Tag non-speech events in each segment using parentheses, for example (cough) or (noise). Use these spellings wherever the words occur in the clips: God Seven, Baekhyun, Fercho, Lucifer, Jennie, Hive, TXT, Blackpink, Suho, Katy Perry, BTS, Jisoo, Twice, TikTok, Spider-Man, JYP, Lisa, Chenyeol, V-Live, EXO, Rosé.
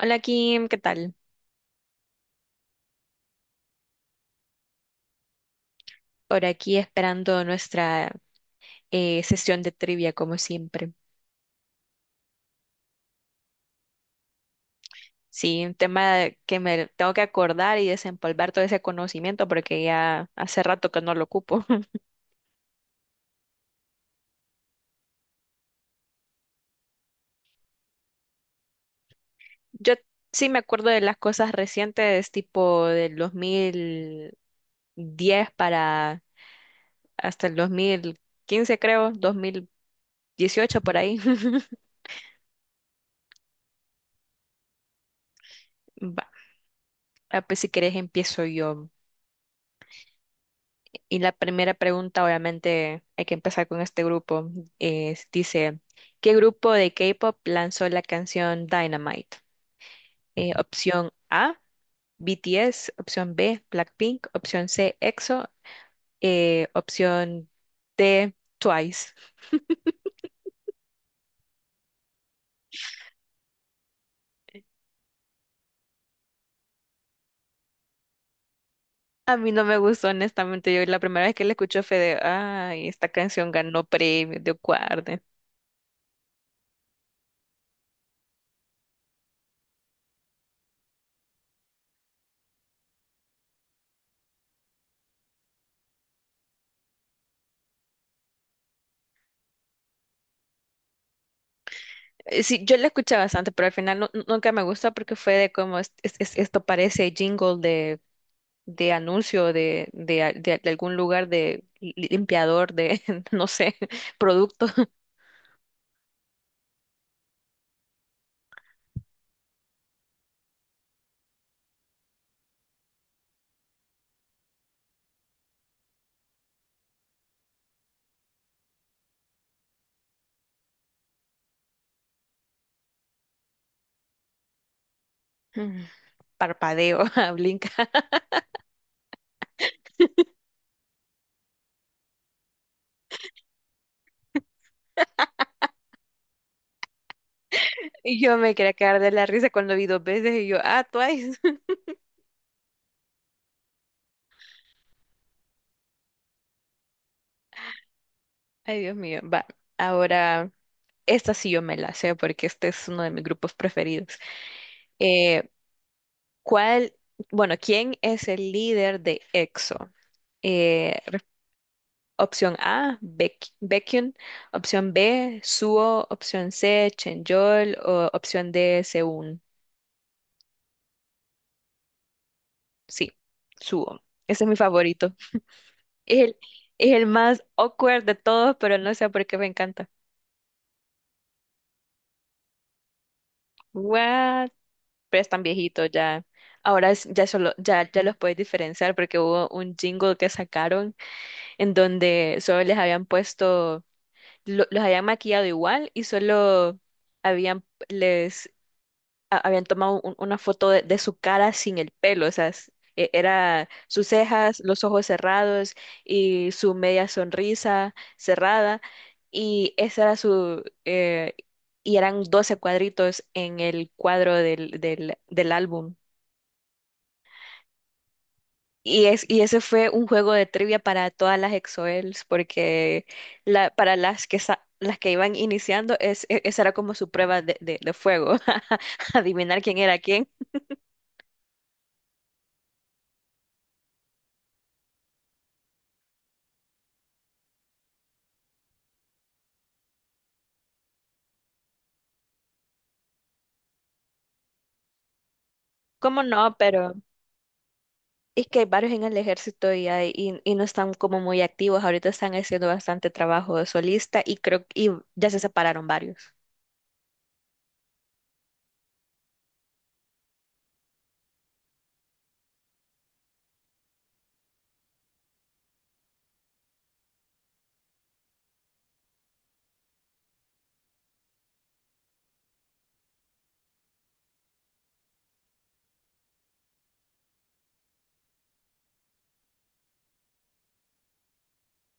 Hola Kim, ¿qué tal? Por aquí esperando nuestra sesión de trivia como siempre. Sí, un tema que me tengo que acordar y desempolvar todo ese conocimiento porque ya hace rato que no lo ocupo. (laughs) Yo sí me acuerdo de las cosas recientes, tipo del 2010 para hasta el 2015 creo, 2018 por ahí. (laughs) Va, ah, pues si querés empiezo yo. Y la primera pregunta, obviamente, hay que empezar con este grupo. Dice, ¿qué grupo de K-pop lanzó la canción Dynamite? Opción A, BTS, opción B, Blackpink, opción C, EXO, opción D, Twice. A mí no me gustó, honestamente. Yo la primera vez que la escuché fue de, ay, esta canción ganó premio de Guarde. Sí, yo la escuché bastante, pero al final nunca me gustó porque fue de como: Esto parece jingle de anuncio de algún lugar de limpiador de, (laughs) no sé, producto". Mm. Parpadeo, (laughs) ah, blinca. Y yo me quería quedar de la risa cuando vi dos veces y yo, ah, twice. (laughs) Ay, Dios mío, va. Ahora, esta sí yo me la sé porque este es uno de mis grupos preferidos. Eh, ¿Cuál, bueno, quién es el líder de EXO? Eh, Opción A, Baekhyun. Opción B, Suho. Opción C, Chenyeol. O opción D, Seun. Sí, Suho. Ese es mi favorito. Es el, es el más awkward de todos, pero no sé por qué me encanta. What? Pero están viejitos ya. Ahora ya solo, ya los puedes diferenciar porque hubo un jingle que sacaron en donde solo les habían puesto, los habían maquillado igual y solo habían les habían tomado una foto de su cara sin el pelo, o sea, era sus cejas, los ojos cerrados y su media sonrisa cerrada, y esa era su, y eran 12 cuadritos en el cuadro del álbum. Y ese fue un juego de trivia para todas las EXO-Ls, porque la, para las que, las que iban iniciando, esa era como su prueba de fuego, (laughs) adivinar quién era quién. ¿Cómo no? Pero es que hay varios en el ejército y no están como muy activos. Ahorita están haciendo bastante trabajo de solista y creo y ya se separaron varios.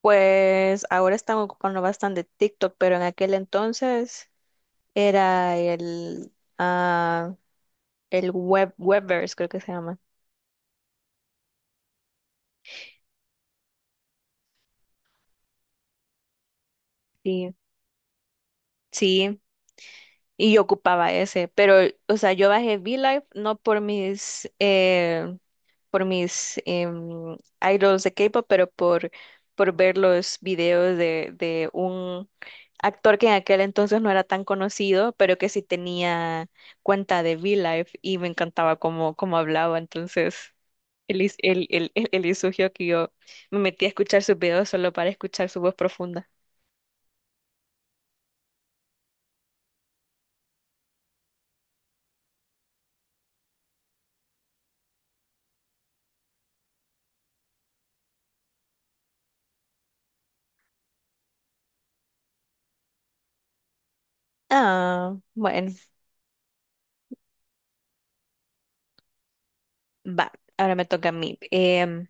Pues ahora están ocupando bastante TikTok, pero en aquel entonces era el, ah, el Webverse, creo que se llama. Sí. Sí, y yo ocupaba ese, pero, o sea, yo bajé V-Live no por mis idols de K-pop, pero por, ver los videos de un actor que en aquel entonces no era tan conocido, pero que sí tenía cuenta de V-Live y me encantaba cómo hablaba. Entonces, él, is- él exigió que yo me metí a escuchar sus videos solo para escuchar su voz profunda. Ah, bueno, va, ahora me toca a mí.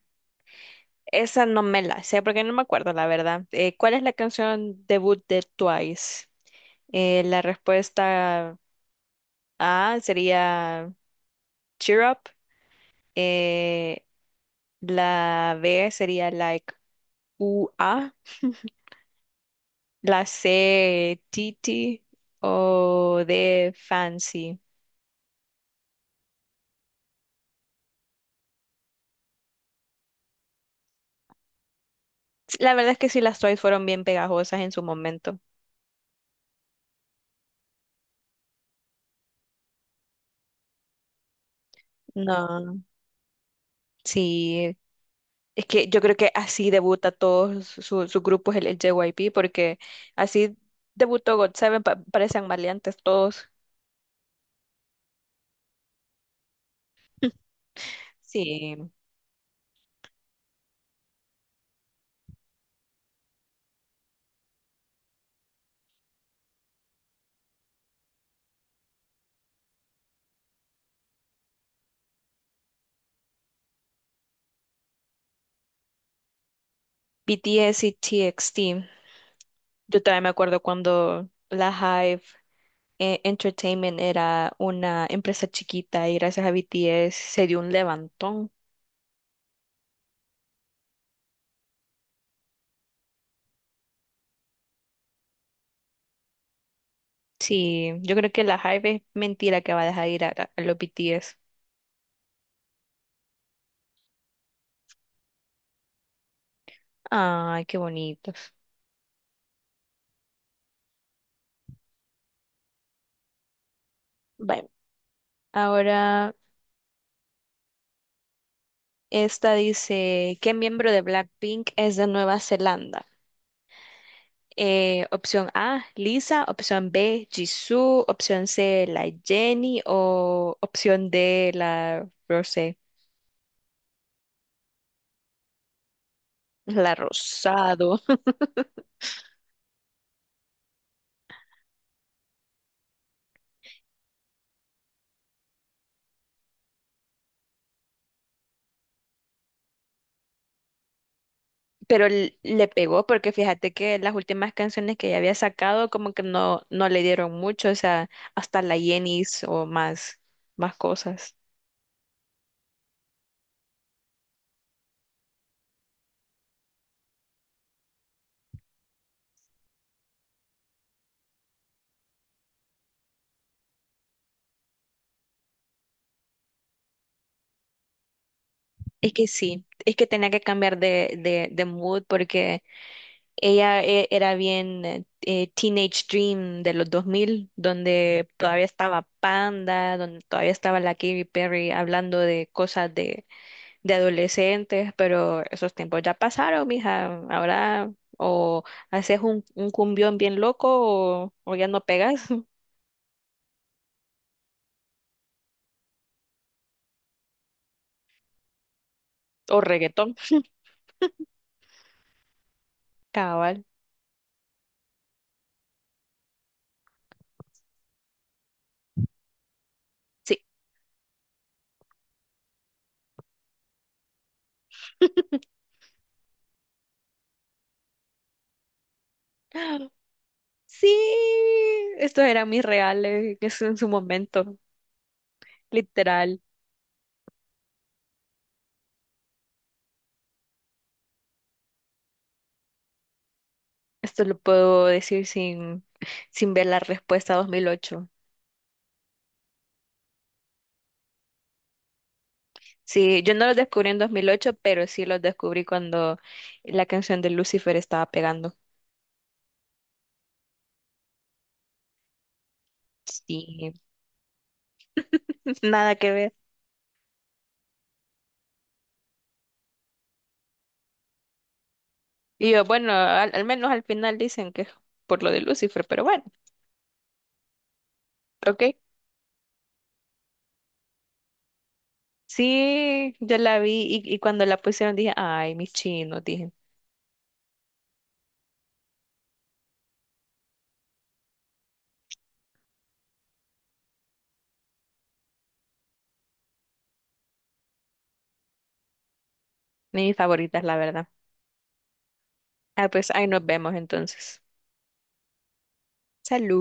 Esa no me la sé porque no me acuerdo, la verdad. ¿Cuál es la canción debut de Twice? La respuesta A sería Cheer Up. Eh, la B sería Like U A, (laughs) la C, Titi o de Fancy. La verdad es que sí, las Twice fueron bien pegajosas en su momento. No, sí, es que yo creo que así debuta todos sus grupos el JYP, porque así debutó God Seven, parecen maleantes todos. (laughs) Sí, BTS y TXT. Yo también me acuerdo cuando la Hive Entertainment era una empresa chiquita y gracias a BTS se dio un levantón. Sí, yo creo que la Hive es mentira que va a dejar ir a los BTS. Ay, qué bonitos. Bueno, ahora. Esta dice: ¿qué miembro de Blackpink es de Nueva Zelanda? Opción A, Lisa, opción B, Jisoo, opción C, la Jennie o opción D, la Rosé, la Rosado. (laughs) Pero le pegó porque fíjate que las últimas canciones que ella había sacado como que no, no le dieron mucho, o sea, hasta la Jennie o más, más cosas. Es que sí, es que tenía que cambiar de mood porque ella era bien Teenage Dream de los 2000, donde todavía estaba Panda, donde todavía estaba la Katy Perry hablando de cosas de adolescentes, pero esos tiempos ya pasaron, mija. Ahora o haces un cumbión bien loco o ya no pegas, (laughs) o reggaetón, cabal. Sí. (laughs) Sí, estos eran mis reales en su momento, literal. Esto lo puedo decir sin ver la respuesta 2008. Sí, yo no los descubrí en 2008 pero sí los descubrí cuando la canción de Lucifer estaba pegando. Sí, (laughs) nada que ver. Y yo, bueno, al menos al final dicen que es por lo de Lucifer, pero bueno, ok. Sí, yo la vi y cuando la pusieron dije, ay, mis chinos, dije, mis favoritas, la verdad. Ah, pues ahí nos vemos entonces. Salud.